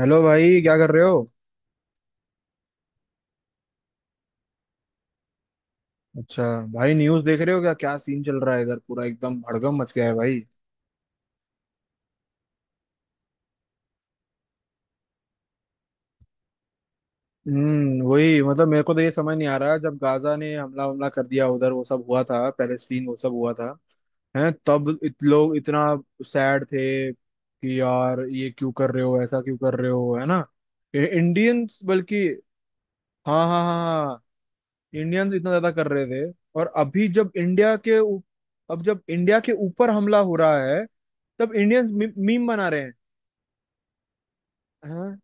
Hello भाई क्या कर रहे हो। अच्छा। भाई न्यूज़ देख रहे हो क्या क्या सीन चल रहा है इधर पूरा एकदम भड़कम मच गया है भाई। वही मतलब मेरे को तो ये समझ नहीं आ रहा, जब गाजा ने हमला हमला कर दिया उधर वो सब हुआ था, पैलेस्टीन वो सब हुआ था। हैं तब लोग इतना सैड थे कि यार ये क्यों कर रहे हो, ऐसा क्यों कर रहे हो, है ना। इंडियंस बल्कि हाँ हाँ हाँ, हाँ इंडियंस इतना ज्यादा कर रहे थे, और अभी जब अब जब इंडिया के ऊपर हमला हो रहा है तब इंडियंस मीम बना रहे हैं। हाँ।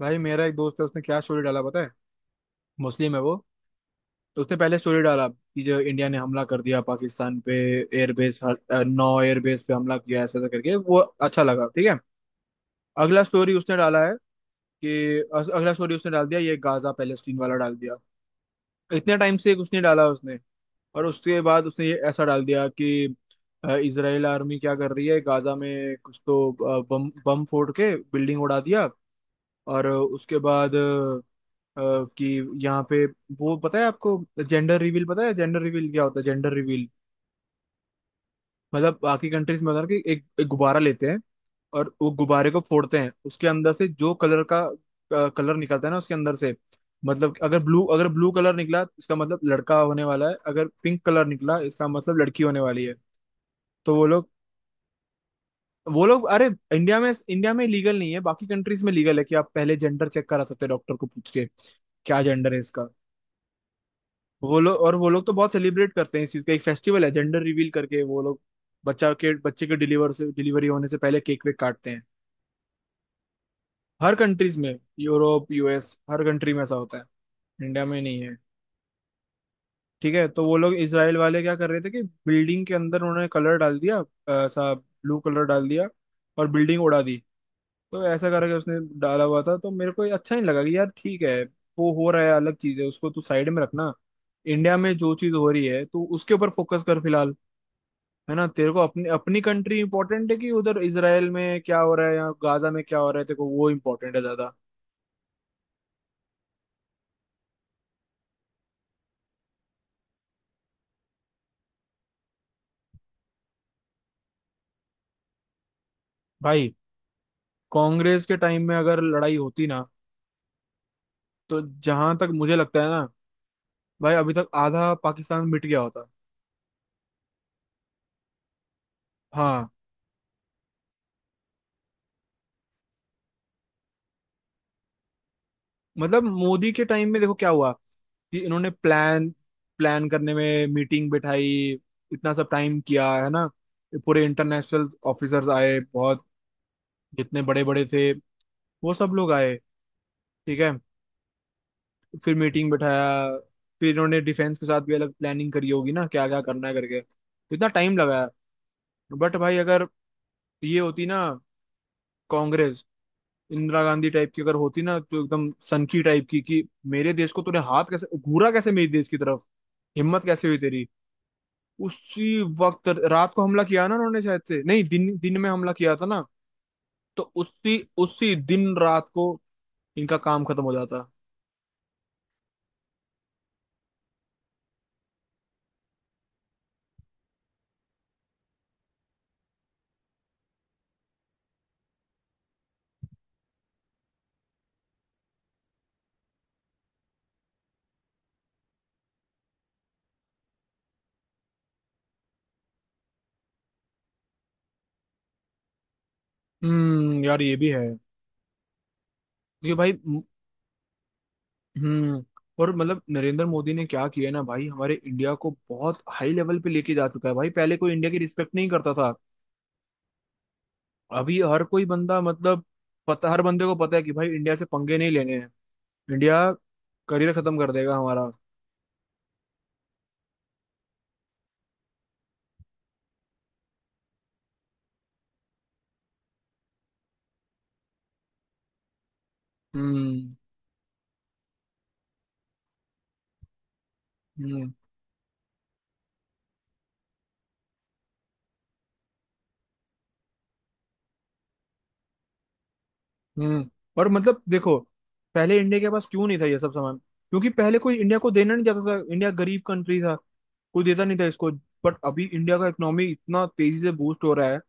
भाई मेरा एक दोस्त है, उसने क्या स्टोरी डाला पता है। मुस्लिम है वो। तो उसने पहले स्टोरी डाला कि जो इंडिया ने हमला कर दिया पाकिस्तान पे, एयरबेस, 9 एयरबेस पे हमला किया ऐसा ऐसा करके, वो अच्छा लगा, ठीक है। अगला स्टोरी उसने डाला है कि अगला स्टोरी उसने डाल दिया ये गाजा पैलेस्टीन वाला डाल दिया। इतने टाइम से एक उसने डाला, उसने, और उसके बाद उसने ये ऐसा डाल दिया कि इजराइल आर्मी क्या कर रही है गाजा में, कुछ तो बम बम फोड़ के बिल्डिंग उड़ा दिया, और उसके बाद कि यहाँ पे, वो पता है आपको, जेंडर रिवील पता है, जेंडर रिवील क्या होता है जेंडर रिवील। मतलब बाकी कंट्रीज में होता है ना कि एक गुब्बारा लेते हैं और वो गुब्बारे को फोड़ते हैं, उसके अंदर से जो कलर का कलर निकलता है ना उसके अंदर से। मतलब कि अगर ब्लू कलर निकला इसका मतलब लड़का होने वाला है, अगर पिंक कलर निकला इसका मतलब लड़की होने वाली है। तो वो लोग, अरे इंडिया में लीगल नहीं है, बाकी कंट्रीज में लीगल है कि आप पहले जेंडर चेक करा सकते हैं डॉक्टर को पूछ के, क्या जेंडर है इसका। वो लोग, और वो लोग तो बहुत सेलिब्रेट करते हैं इस चीज का, एक फेस्टिवल है जेंडर रिवील करके, वो लोग बच्चा के बच्चे के डिलीवरी होने से पहले केक वेक काटते हैं। हर कंट्रीज में, यूरोप, यूएस, हर कंट्री में ऐसा होता है। इंडिया में नहीं है। ठीक है, तो वो लोग इसराइल वाले क्या कर रहे थे कि बिल्डिंग के अंदर उन्होंने कलर डाल दिया, ऐसा ब्लू कलर डाल दिया और बिल्डिंग उड़ा दी। तो ऐसा करके उसने डाला हुआ था, तो मेरे को ये अच्छा नहीं लगा कि यार ठीक है वो हो रहा है अलग चीज है, उसको तू साइड में रखना। इंडिया में जो चीज हो रही है तू उसके ऊपर फोकस कर फिलहाल। है ना, तेरे को अपनी अपनी कंट्री इंपॉर्टेंट है, कि उधर इसराइल में क्या हो रहा है या गाजा में क्या हो रहा है, तेरे को वो इंपॉर्टेंट है ज्यादा। भाई कांग्रेस के टाइम में अगर लड़ाई होती ना, तो जहां तक मुझे लगता है ना, भाई अभी तक आधा पाकिस्तान मिट गया होता। हाँ। मतलब मोदी के टाइम में देखो क्या हुआ कि इन्होंने प्लान प्लान करने में मीटिंग बिठाई, इतना सब टाइम किया है ना। पूरे इंटरनेशनल ऑफिसर्स आए बहुत, जितने बड़े बड़े थे वो सब लोग आए, ठीक है। फिर मीटिंग बिठाया, फिर इन्होंने डिफेंस के साथ भी अलग प्लानिंग करी होगी ना क्या क्या करना है करके, तो इतना टाइम लगाया। बट भाई अगर ये होती ना, कांग्रेस, इंदिरा गांधी टाइप की अगर होती ना, तो एकदम सनकी टाइप की कि मेरे देश को तूने हाथ कैसे घूरा, कैसे मेरे देश की तरफ हिम्मत कैसे हुई तेरी। उसी वक्त रात को हमला किया ना उन्होंने, शायद से नहीं, दिन दिन में हमला किया था ना। तो उसी उसी दिन रात को इनका काम खत्म हो जाता। यार, ये भी है ये भाई। हम्म। और मतलब नरेंद्र मोदी ने क्या किया ना भाई, हमारे इंडिया को बहुत हाई लेवल पे लेके जा चुका है भाई, पहले कोई इंडिया की रिस्पेक्ट नहीं करता था। अभी हर कोई बंदा, मतलब पता, हर बंदे को पता है कि भाई इंडिया से पंगे नहीं लेने हैं। इंडिया करियर खत्म कर देगा हमारा। हम्म, हम्म, हम्म। और मतलब देखो, पहले इंडिया के पास क्यों नहीं था ये सब सामान, क्योंकि पहले कोई इंडिया को देना नहीं चाहता था, इंडिया गरीब कंट्री था। कोई देता नहीं था इसको, बट अभी इंडिया का इकोनॉमी इतना तेजी से बूस्ट हो रहा है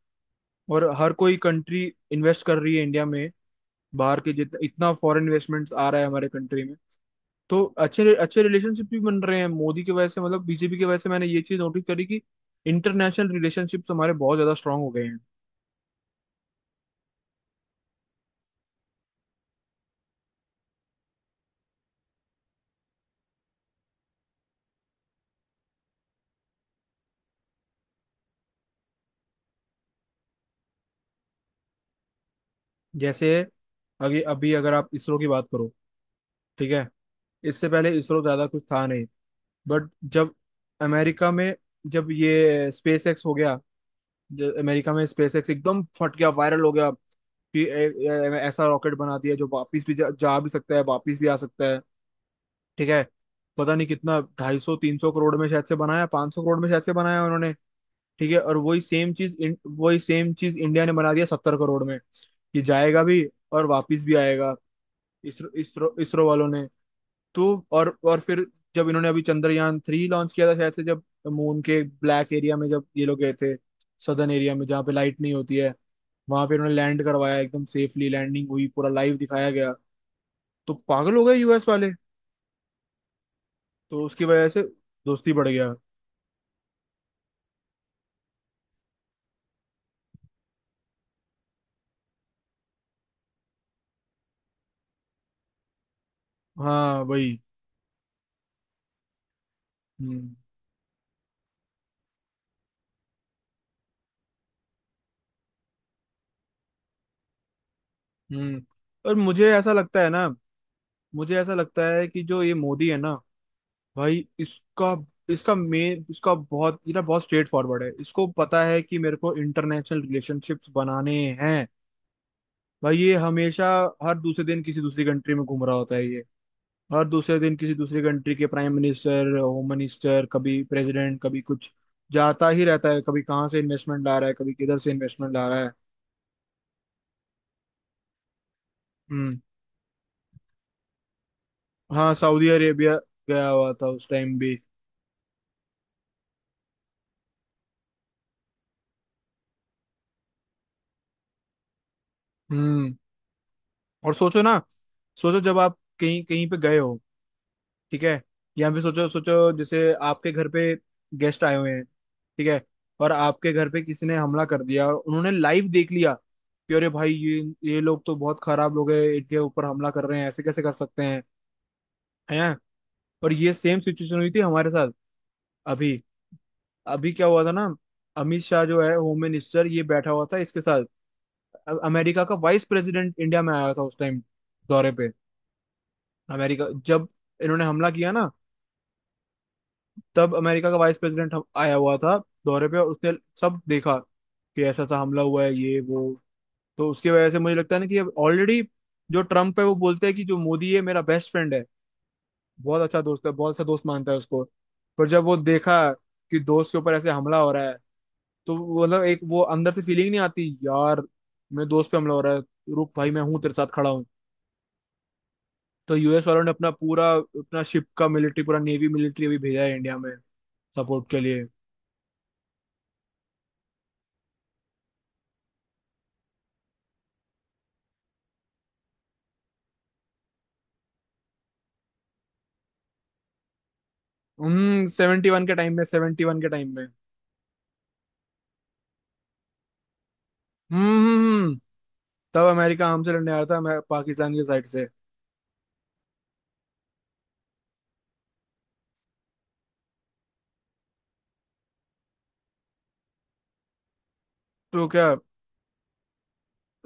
और हर कोई कंट्री इन्वेस्ट कर रही है इंडिया में। बाहर के, जितना इतना फॉरेन इन्वेस्टमेंट्स आ रहा है हमारे कंट्री में, तो अच्छे अच्छे रिलेशनशिप भी बन रहे हैं मोदी की वजह से, मतलब बीजेपी की वजह से, मैंने ये चीज नोटिस करी कि इंटरनेशनल रिलेशनशिप्स हमारे बहुत ज्यादा स्ट्रांग हो गए हैं। जैसे अभी अभी अगर आप इसरो की बात करो, ठीक है, इससे पहले इसरो ज्यादा कुछ था नहीं। बट जब अमेरिका में, जब ये स्पेस एक्स हो गया, जो अमेरिका में स्पेस एक्स एकदम फट गया, वायरल हो गया कि ए, ए, ऐसा रॉकेट बना दिया जो वापस भी जा भी सकता है वापस भी आ सकता है, ठीक है। पता नहीं कितना, 250 300 करोड़ में शायद से बनाया, 500 करोड़ में शायद से बनाया उन्होंने, ठीक है। और वही सेम चीज इंडिया ने बना दिया 70 करोड़ में। ये जाएगा भी और वापस भी आएगा, इसरो इसरो इसरो वालों ने। तो और फिर जब इन्होंने अभी चंद्रयान 3 लॉन्च किया था शायद से, जब मून के ब्लैक एरिया में जब ये लोग गए थे, सदर्न एरिया में जहाँ पे लाइट नहीं होती है, वहां पे उन्होंने लैंड करवाया, एकदम सेफली लैंडिंग हुई, पूरा लाइव दिखाया गया। तो पागल हो गए यूएस वाले, तो उसकी वजह से दोस्ती बढ़ गया। हाँ वही। हम्म हम्म। और मुझे ऐसा लगता है ना, मुझे ऐसा लगता है कि जो ये मोदी है ना भाई, इसका इसका मेन इसका बहुत ये ना बहुत स्ट्रेट फॉरवर्ड है, इसको पता है कि मेरे को इंटरनेशनल रिलेशनशिप्स बनाने हैं। भाई ये हमेशा हर दूसरे दिन किसी दूसरी कंट्री में घूम रहा होता है ये। हर दूसरे दिन किसी दूसरी कंट्री के प्राइम मिनिस्टर, होम मिनिस्टर, कभी प्रेसिडेंट, कभी कुछ, जाता ही रहता है, कभी कहाँ से इन्वेस्टमेंट ला रहा है कभी किधर से इन्वेस्टमेंट ला रहा है। हम्म। हाँ सऊदी अरेबिया गया हुआ था उस टाइम भी। हम्म। और सोचो ना, सोचो जब आप कहीं कहीं पे गए हो, ठीक है, या फिर सोचो, जैसे आपके घर पे गेस्ट आए हुए हैं, ठीक है, और आपके घर पे किसी ने हमला कर दिया और उन्होंने लाइव देख लिया कि अरे भाई ये लोग तो बहुत खराब लोग हैं, इनके ऊपर हमला कर रहे हैं ऐसे कैसे कर सकते हैं। हैं, और ये सेम सिचुएशन हुई थी हमारे साथ अभी। अभी क्या हुआ था ना, अमित शाह जो है होम मिनिस्टर ये बैठा हुआ था इसके साथ, अमेरिका का वाइस प्रेसिडेंट इंडिया में आया था उस टाइम दौरे पे। अमेरिका, जब इन्होंने हमला किया ना तब अमेरिका का वाइस प्रेसिडेंट आया हुआ था दौरे पे, और उसने सब देखा कि ऐसा ऐसा हमला हुआ है ये वो। तो उसकी वजह से मुझे लगता है ना कि अब ऑलरेडी जो ट्रम्प है वो बोलते हैं कि जो मोदी है मेरा बेस्ट फ्रेंड है, बहुत अच्छा दोस्त है, बहुत अच्छा दोस्त मानता है उसको। पर जब वो देखा कि दोस्त के ऊपर ऐसे हमला हो रहा है, तो वो मतलब एक वो अंदर से फीलिंग नहीं आती यार, मेरे दोस्त पे हमला हो रहा है, रुक भाई मैं हूँ तेरे साथ खड़ा हूँ। तो यूएस वालों ने अपना शिप का मिलिट्री, पूरा नेवी मिलिट्री अभी भेजा है इंडिया में सपोर्ट के लिए। हम्म। सेवेंटी वन के टाइम में। हम्म, तब अमेरिका हमसे लड़ने आया था मैं पाकिस्तान की साइड से। तो क्या,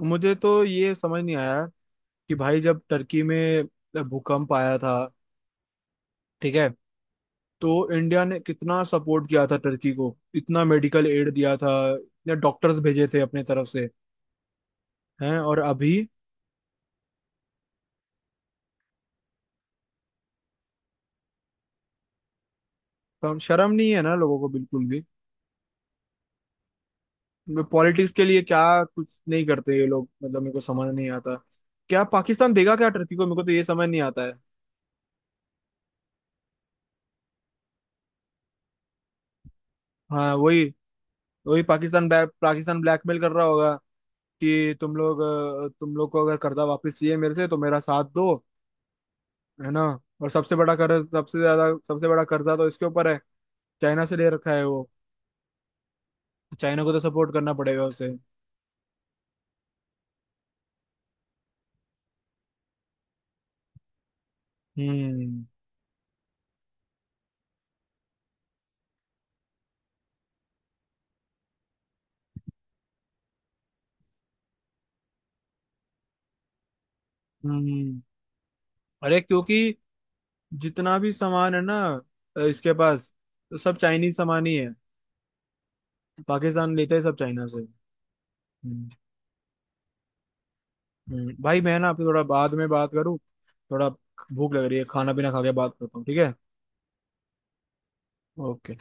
मुझे तो ये समझ नहीं आया कि भाई जब टर्की में भूकंप आया था, ठीक है, तो इंडिया ने कितना सपोर्ट किया था टर्की को, इतना मेडिकल एड दिया था, इतने डॉक्टर्स भेजे थे अपने तरफ से। हैं, और अभी शर्म नहीं है ना लोगों को बिल्कुल भी, पॉलिटिक्स के लिए क्या कुछ नहीं करते ये लोग, मतलब मेरे को समझ नहीं आता। क्या पाकिस्तान देगा क्या टर्की को, मेरे को तो ये समझ नहीं आता है। हाँ वही। वही पाकिस्तान ब्लैकमेल कर रहा होगा कि तुम लोग, तुम लोग को अगर कर्जा वापस चाहिए मेरे से तो मेरा साथ दो। है ना, और सबसे बड़ा कर्जा तो इसके ऊपर है, चाइना से ले रखा है वो। चाइना को तो सपोर्ट करना पड़ेगा उसे। हम्म हम्म। अरे क्योंकि जितना भी सामान है ना इसके पास, तो सब चाइनीज सामान ही है। पाकिस्तान लेते हैं सब चाइना से। हम्म। भाई मैं ना अभी थोड़ा बाद में बात करूँ, थोड़ा भूख लग रही है, खाना पीना खा के बात करता हूँ ठीक है। ओके।